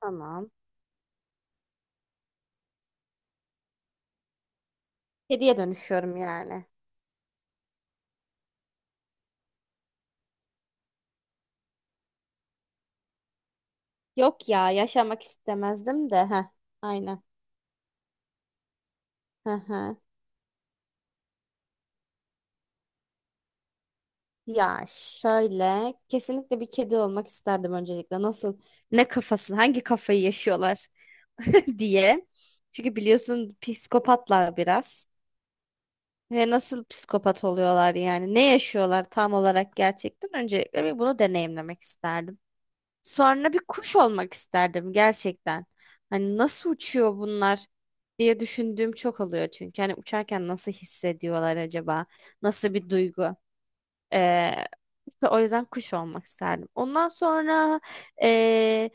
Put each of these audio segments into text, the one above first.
Tamam. Kediye dönüşüyorum yani. Yok ya yaşamak istemezdim de. Heh, aynen. Hı hı. Ya şöyle kesinlikle bir kedi olmak isterdim öncelikle. Nasıl ne kafası hangi kafayı yaşıyorlar diye. Çünkü biliyorsun psikopatlar biraz. Ve nasıl psikopat oluyorlar yani? Ne yaşıyorlar tam olarak gerçekten? Öncelikle bir bunu deneyimlemek isterdim. Sonra bir kuş olmak isterdim gerçekten. Hani nasıl uçuyor bunlar diye düşündüğüm çok oluyor çünkü. Hani uçarken nasıl hissediyorlar acaba? Nasıl bir duygu? Ee, O yüzden kuş olmak isterdim. Ondan sonra ee,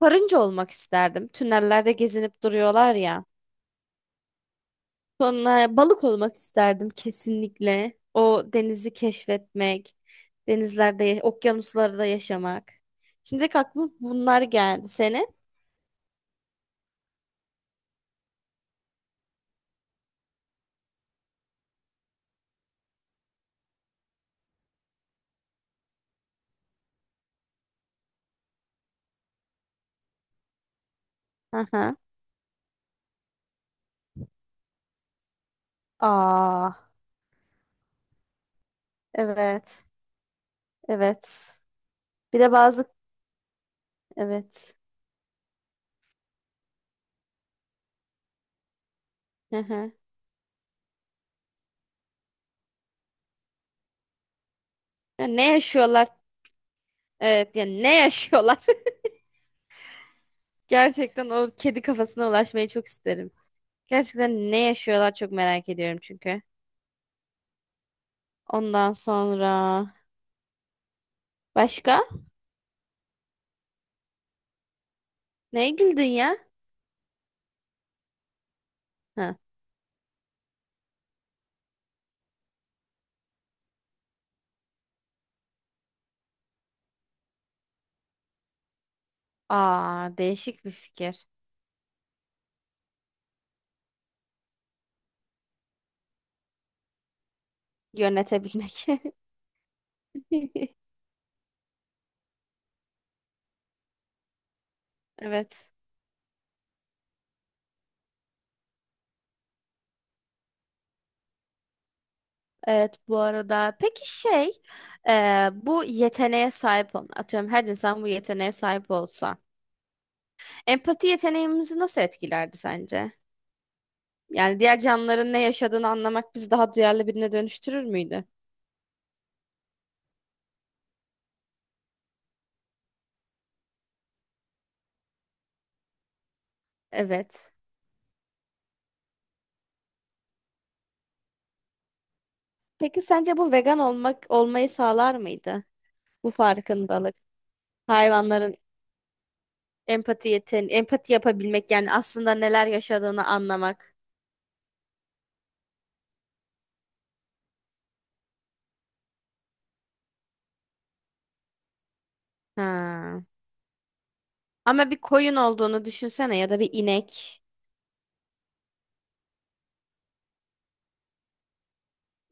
karınca olmak isterdim. Tünellerde gezinip duruyorlar ya. Sonra balık olmak isterdim kesinlikle. O denizi keşfetmek, denizlerde, okyanuslarda yaşamak. Şimdi aklıma bunlar geldi. Senin? Aha. Aa, evet. Evet. Bir de bazı, evet. Hı hı. Ya ne yaşıyorlar? Evet, yani ne yaşıyorlar? Gerçekten o kedi kafasına ulaşmayı çok isterim. Gerçekten ne yaşıyorlar çok merak ediyorum çünkü. Ondan sonra başka? Neye güldün ya? Ha. Aa, değişik bir fikir. Yönetebilmek. Evet. Evet bu arada peki şey, bu yeteneğe sahip olan atıyorum her insan bu yeteneğe sahip olsa empati yeteneğimizi nasıl etkilerdi sence? Yani diğer canlıların ne yaşadığını anlamak bizi daha duyarlı birine dönüştürür müydü? Evet. Peki sence bu vegan olmak olmayı sağlar mıydı? Bu farkındalık. Hayvanların empati yapabilmek yani aslında neler yaşadığını anlamak. Ha. Ama bir koyun olduğunu düşünsene ya da bir inek.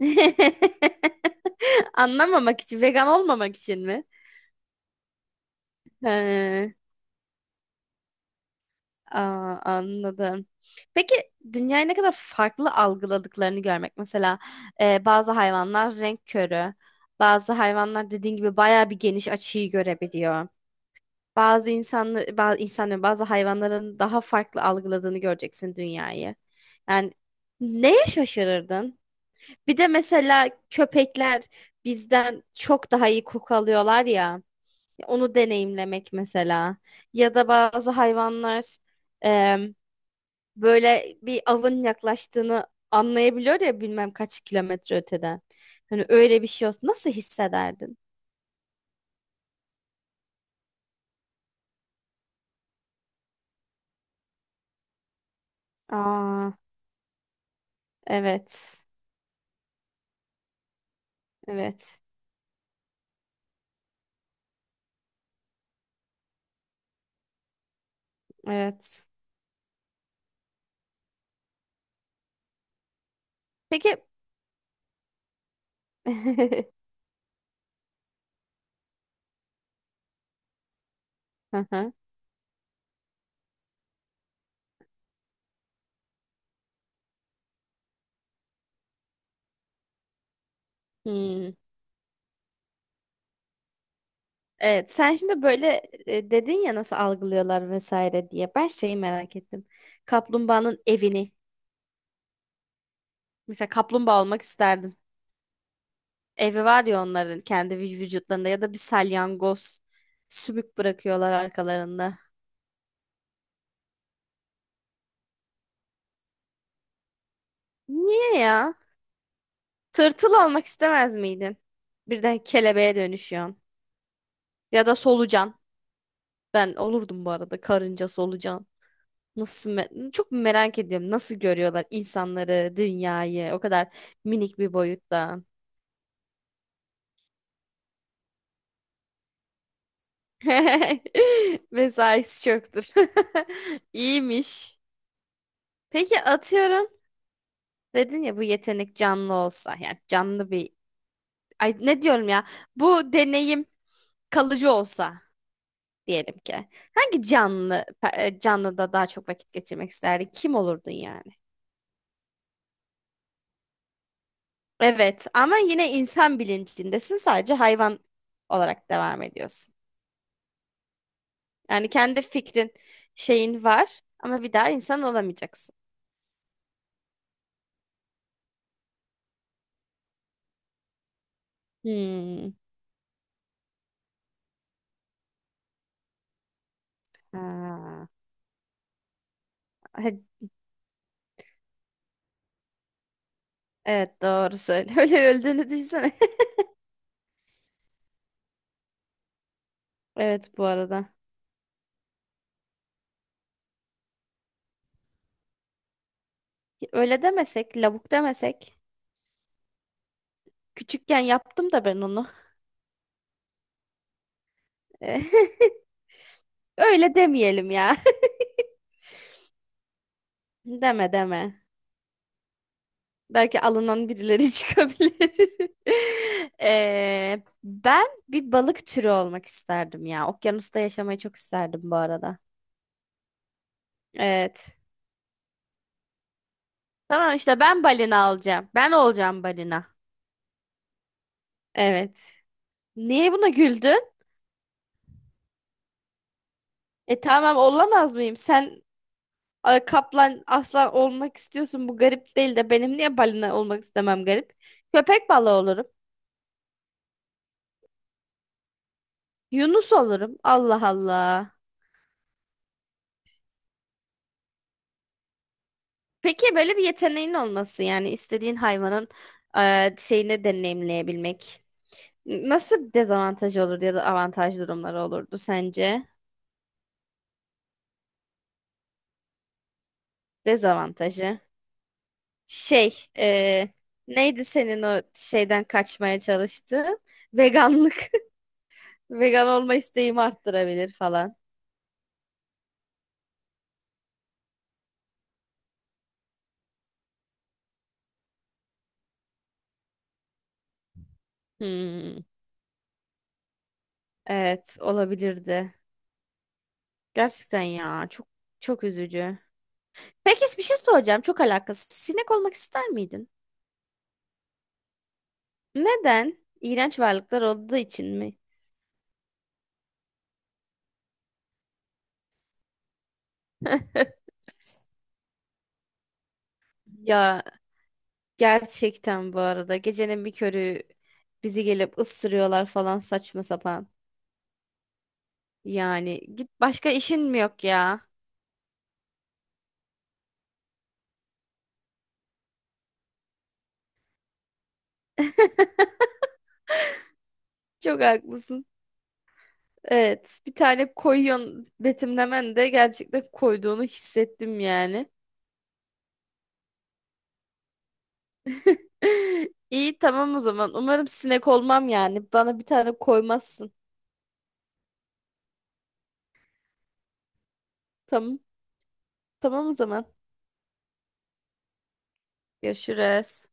Anlamamak için, vegan olmamak için mi? He. Aa, anladım. Peki dünyayı ne kadar farklı algıladıklarını görmek. Mesela bazı hayvanlar renk körü. Bazı hayvanlar dediğin gibi bayağı bir geniş açıyı görebiliyor. Bazı insanların, bazı hayvanların daha farklı algıladığını göreceksin dünyayı. Yani neye şaşırırdın? Bir de mesela köpekler bizden çok daha iyi koku alıyorlar ya. Onu deneyimlemek mesela. Ya da bazı hayvanlar böyle bir avın yaklaştığını anlayabiliyor ya bilmem kaç kilometre öteden. Hani öyle bir şey olsa nasıl hissederdin? Aa, evet. Evet. Evet. Peki. Hı hı. Hmm. Evet, sen şimdi böyle, dedin ya nasıl algılıyorlar vesaire diye. Ben şeyi merak ettim. Kaplumbağanın evini. Mesela kaplumbağa olmak isterdim. Evi var ya onların kendi vücutlarında ya da bir salyangoz sümük bırakıyorlar arkalarında. Niye ya? Tırtıl olmak istemez miydin? Birden kelebeğe dönüşüyorsun. Ya da solucan. Ben olurdum bu arada karınca solucan. Çok merak ediyorum. Nasıl görüyorlar insanları, dünyayı o kadar minik bir boyutta. Mesaisi çoktur. İyiymiş. Peki atıyorum. Dedin ya bu yetenek canlı olsa yani canlı bir, ay ne diyorum ya, bu deneyim kalıcı olsa diyelim ki. Hangi canlı pe- e, Canlıda daha çok vakit geçirmek isterdin? Kim olurdun yani? Evet ama yine insan bilincindesin sadece hayvan olarak devam ediyorsun. Yani kendi fikrin, şeyin var ama bir daha insan olamayacaksın. Hmm. Ha. He- Evet doğru söyle. Öyle öldüğünü düşünsene. Evet bu arada. Öyle demesek, lavuk demesek. Küçükken yaptım da ben onu. Öyle demeyelim ya. Deme deme. Belki alınan birileri çıkabilir. Ben bir balık türü olmak isterdim ya. Okyanusta yaşamayı çok isterdim bu arada. Evet. Tamam işte ben balina olacağım. Ben olacağım balina. Evet. Niye buna güldün? E tamam olamaz mıyım? Sen, a, kaplan, aslan olmak istiyorsun. Bu garip değil de benim niye balina olmak istemem garip? Köpek balığı olurum. Yunus olurum. Allah Allah. Peki böyle bir yeteneğin olması yani istediğin hayvanın, şeyini deneyimleyebilmek. Nasıl bir dezavantajı olurdu ya da avantaj durumları olurdu sence? Dezavantajı. Şey, eee, Neydi senin o şeyden kaçmaya çalıştığın? Veganlık. Vegan olma isteğimi arttırabilir falan. Hmm, evet, olabilirdi. Gerçekten ya, çok çok üzücü. Peki bir şey soracağım, çok alakasız. Sinek olmak ister miydin? Neden? İğrenç varlıklar olduğu için mi? Ya gerçekten bu arada gecenin bir körü bizi gelip ısırıyorlar falan saçma sapan. Yani git başka işin mi yok ya? Çok haklısın. Evet, bir tane koyuyorsun, betimlemen de gerçekten koyduğunu hissettim yani. İyi tamam o zaman. Umarım sinek olmam yani. Bana bir tane koymazsın. Tamam. Tamam o zaman. Görüşürüz.